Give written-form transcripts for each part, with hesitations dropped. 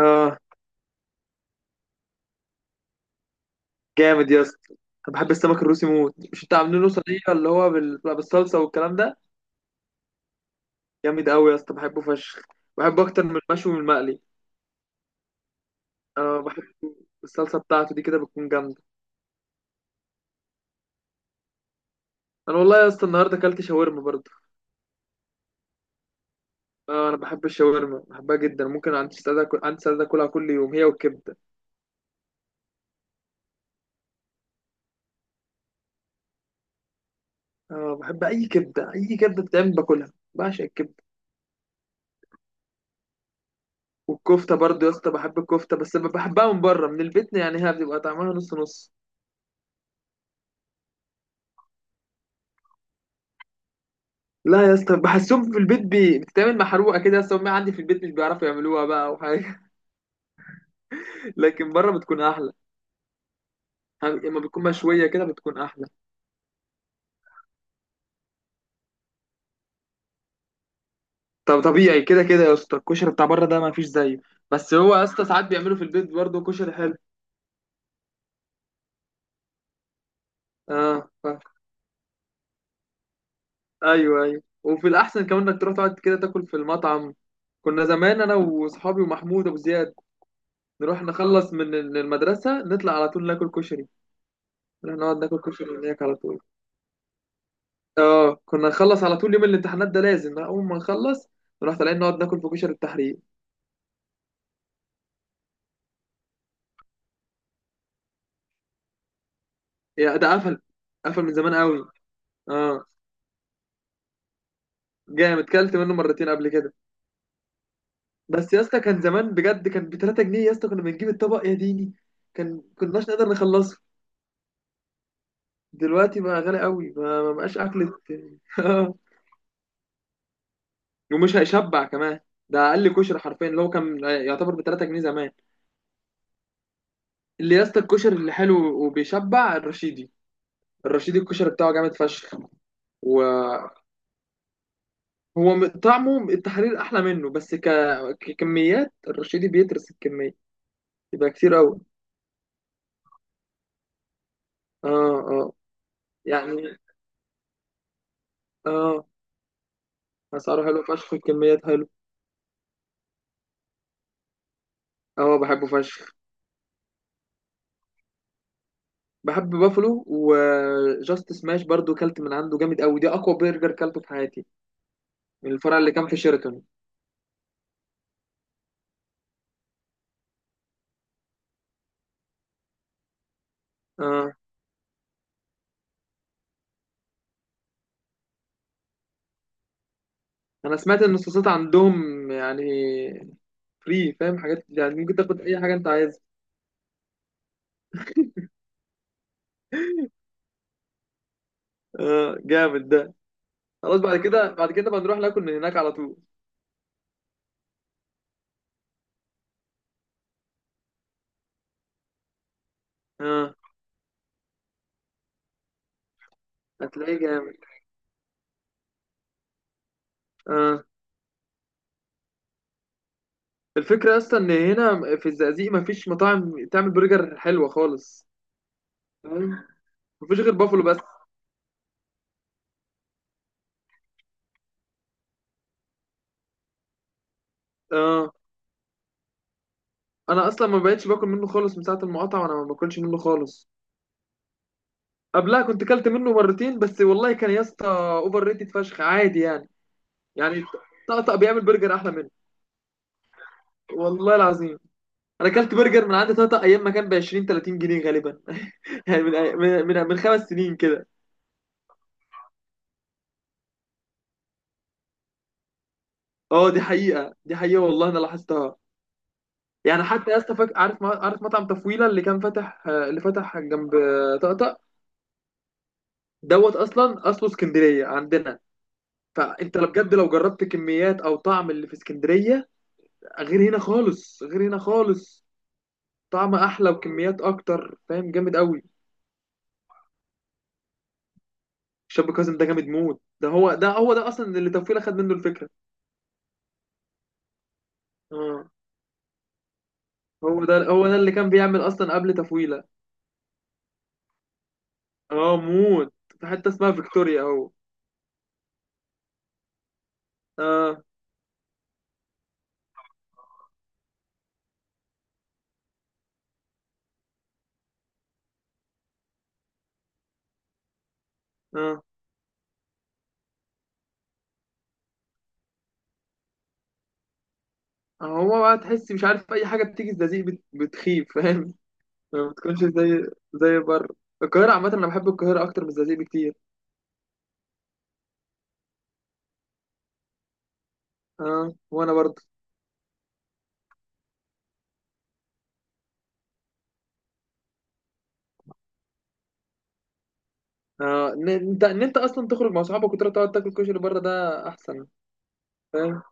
اه، جامد يا اسطى. انا بحب السمك الروسي موت. مش انت عاملينه صينيه اللي هو بتبقى بالصلصه والكلام ده. جامد قوي يا اسطى، بحبه فشخ. بحبه اكتر من المشوي من المقلي. اه بحب الصلصه بتاعته دي كده بتكون جامده. انا والله يا اسطى النهارده اكلت شاورما برضه. اه انا بحب الشاورما، بحبها جدا. ممكن عندي استعداد اكل، عندي استعداد اكلها كل يوم، هي والكبده. اه بحب اي كبده، اي كبده بتتعمل باكلها، بعشق الكبده. والكفته برضه يا اسطى بحب الكفته، بس بحبها من بره، من البيت يعني هي بتبقى طعمها نص نص. لا يا اسطى بحسهم في البيت بتتعمل محروقه كده. يا اسطى امي عندي في البيت مش بيعرفوا يعملوها بقى وحاجه. لكن بره بتكون احلى. لما بتكون مشويه كده بتكون احلى. طب طبيعي كده كده يا اسطى، الكشري بتاع بره ده ما فيش زيه. بس هو يا اسطى ساعات بيعملوا في البيت برضه كشري حلو. اه ف... ايوه ايوه، وفي الاحسن كمان انك تروح تقعد كده تاكل في المطعم. كنا زمان انا وصحابي ومحمود ابو زياد نروح نخلص من المدرسه، نطلع على طول ناكل كشري، نروح نقعد ناكل كشري هناك على طول. اه كنا نخلص على طول يوم الامتحانات ده، لازم بقى اول ما نخلص نروح طالعين نقعد ناكل في كشري التحرير. يا ده قفل، قفل من زمان قوي. اه جامد، كلت منه مرتين قبل كده. بس يا اسطى كان زمان بجد كان ب 3 جنيه يا اسطى، كنا بنجيب الطبق يا ديني. كان كناش نقدر نخلصه. دلوقتي بقى غالي قوي، ما بقاش اكل. اه. ومش هيشبع كمان. ده اقل كشري حرفيا اللي هو كان يعتبر ب 3 جنيه زمان. اللي يا اسطى الكشري اللي حلو وبيشبع الرشيدي. الرشيدي الكشري بتاعه جامد فشخ. و... هو طعمه التحرير احلى منه، بس ككميات الرشيدي بيترس الكميه، يبقى كتير قوي. اه اه، يعني اه، اسعاره حلو فشخ، الكميات حلو. اه بحبه فشخ. بحب بافلو وجاست سماش برضو، كلت من عنده جامد قوي، دي اقوى برجر كلته في حياتي. من الفرع اللي كان في شيراتون. اه انا سمعت ان الصوصات عندهم يعني فري، فاهم؟ حاجات يعني ممكن تاخد اي حاجه انت عايزها. اه جامد ده. خلاص بعد كده، بعد كده بنروح ناكل من هناك على طول. اه هتلاقيه جامد. آه. الفكرة أصلا إن هنا في الزقازيق مفيش مطاعم تعمل برجر حلوة خالص. تمام؟ مفيش غير بافلو بس. آه. أنا أصلا ما بقتش باكل منه خالص من ساعة المقاطعة، وأنا ما باكلش منه خالص. قبلها كنت كلت منه مرتين بس، والله كان يا اسطى أوفر ريتد فشخ، عادي يعني. يعني طقطق بيعمل برجر أحلى منه، والله العظيم. أنا كلت برجر من عند طقطق أيام ما كان ب 20 30 جنيه غالبا. يعني من 5 سنين كده. اه دي حقيقة، دي حقيقة والله أنا لاحظتها. يعني حتى يا اسطى فاكر، عارف ما- عارف مطعم تفويله اللي كان فاتح، اللي فتح جنب طقطق؟ دوت اصلا اصله اسكندريه عندنا. فانت لو بجد لو جربت كميات او طعم اللي في اسكندريه، غير هنا خالص، غير هنا خالص. طعم احلى وكميات اكتر، فاهم؟ جامد قوي. الشاب كاظم ده جامد موت. ده هو ده اصلا اللي تفويله خد منه الفكره. اه، هو ده اللي كان بيعمل اصلا قبل تفويله. اه موت. في حته اسمها فيكتوريا اهو. اه اه. هو بقى تحس مش عارف، اي حاجه بتيجي الزقازيق بتخيب، فاهم؟ ما بتكونش زي، زي بره. القاهره عامه انا بحب القاهره اكتر من الزقازيق بكتير. اه وانا برضه. اه ان انت اصلا تخرج مع صحابك وتروح تقعد تاكل كشري بره، ده احسن. فاهم؟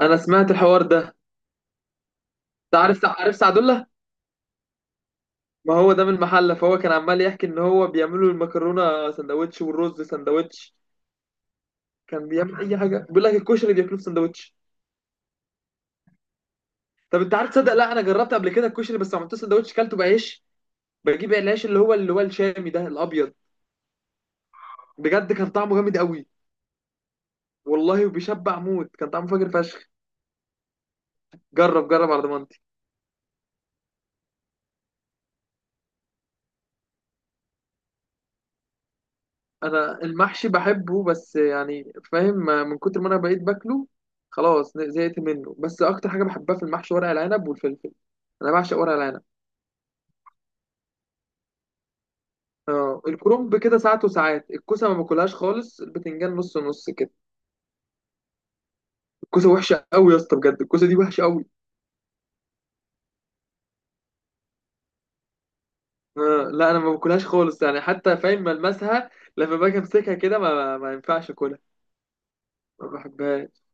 انا سمعت الحوار ده. انت عارف سعد الله؟ ما هو ده من المحله، فهو كان عمال يحكي ان هو بيعملوا المكرونه سندوتش والرز سندوتش. كان بيعمل اي حاجه، بيقول لك الكشري بياكلوه في سندوتش. طب انت عارف تصدق؟ لا انا جربت قبل كده الكشري، بس ما عملتوش سندوتش، كلته بعيش. بجيب العيش اللي هو، اللي هو الشامي ده الابيض. بجد كان طعمه جامد قوي، والله. وبيشبع موت، كان طعمه فاجر فشخ. جرب جرب، على ضمانتي. انا المحشي بحبه، بس يعني فاهم، من كتر ما انا بقيت باكله خلاص زهقت منه. بس اكتر حاجه بحبها في المحشي ورق العنب والفلفل، انا بعشق ورق العنب. اه الكرنب كده ساعات وساعات، الكوسه ما باكلهاش خالص، البتنجان نص نص كده. الكوسه وحشه قوي يا اسطى بجد، الكوسه دي وحشه قوي. آه، لا انا ما باكلهاش خالص، يعني حتى فاهم ملمسها، لما باجي امسكها كده ما ينفعش اكلها. ما بحبهاش.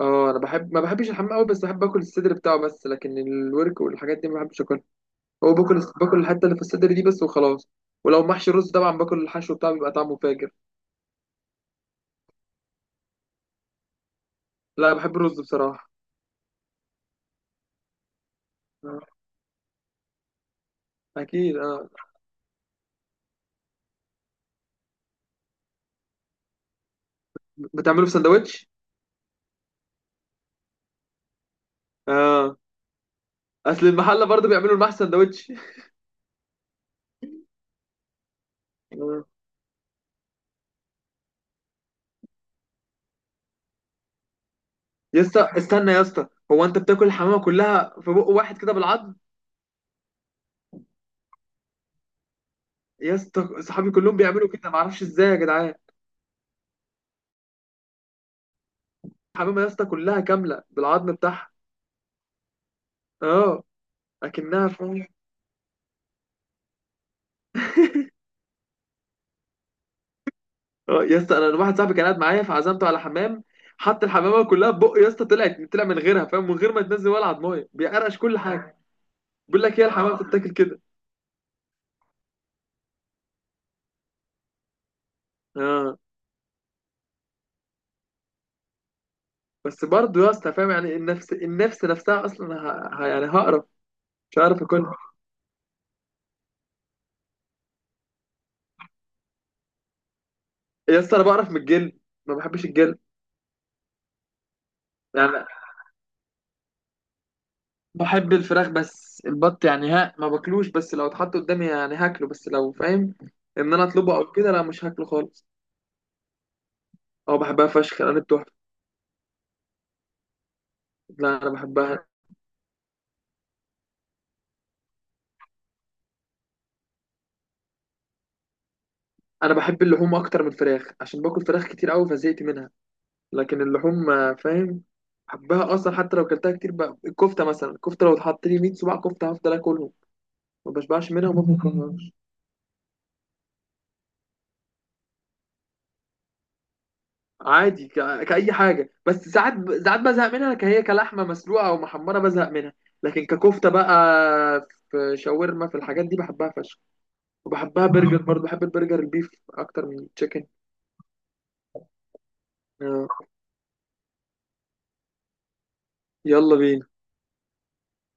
اه انا بحب، ما بحبش الحمام قوي، بس بحب اكل الصدر بتاعه بس، لكن الورك والحاجات دي ما بحبش اكلها. هو باكل الحته اللي في الصدر دي بس وخلاص. ولو محشي رز طبعا باكل الحشو بتاعه، بيبقى طعمه فاجر. لا بحب الرز بصراحه. آه، اكيد اه. بتعمله في سندوتش؟ اه اصل المحله برضه بيعملوا المحشي سندوتش. آه. يا اسطى استنى يا اسطى، هو انت بتاكل الحمامه كلها في بق واحد كده بالعض؟ يا اسطى صحابي كلهم بيعملوا كده، معرفش ازاي يا جدعان. حمامه يا اسطى كلها كامله بالعظم بتاعها. اه اكنها فاهم. اه يا اسطى انا واحد صاحبي كان قاعد معايا فعزمته على حمام، حط الحمامه كلها في بقه يا اسطى، طلعت طلع من غيرها فاهم، من غير ما تنزل ولا عضمايه، بيقرقش كل حاجه. بيقول لك هي الحمامه بتتاكل كده. اه بس برضه يا اسطى فاهم يعني، النفس نفسها اصلا يعني هقرف، مش هعرف اكلها. يا اسطى انا بقرف من الجلد، ما بحبش الجلد. يعني بحب الفراخ، بس البط يعني ها ما باكلوش، بس لو اتحط قدامي يعني هاكله، بس لو فاهم ان انا اطلبه او كده لا مش هاكله خالص. اه بحبها فشخ، انا بتحفه. لا انا بحبها. انا بحب اللحوم اكتر من الفراخ عشان باكل فراخ كتير قوي فزهقت منها. لكن اللحوم آه، فاهم، بحبها اصلا. حتى لو اكلتها كتير بقى، الكفته مثلا، الكفته لو اتحط لي 100 صباع كفته هفضل اكلهم، ما بشبعش منها وما باكل. عادي كأي حاجة، بس ساعات ساعات بزهق منها كهي كلحمة مسلوقة أو محمرة بزهق منها. لكن ككفتة بقى، في شاورما، في الحاجات دي بحبها فشخ. وبحبها برجر برضه، بحب البرجر البيف أكتر من التشيكن. آه. يلا بينا.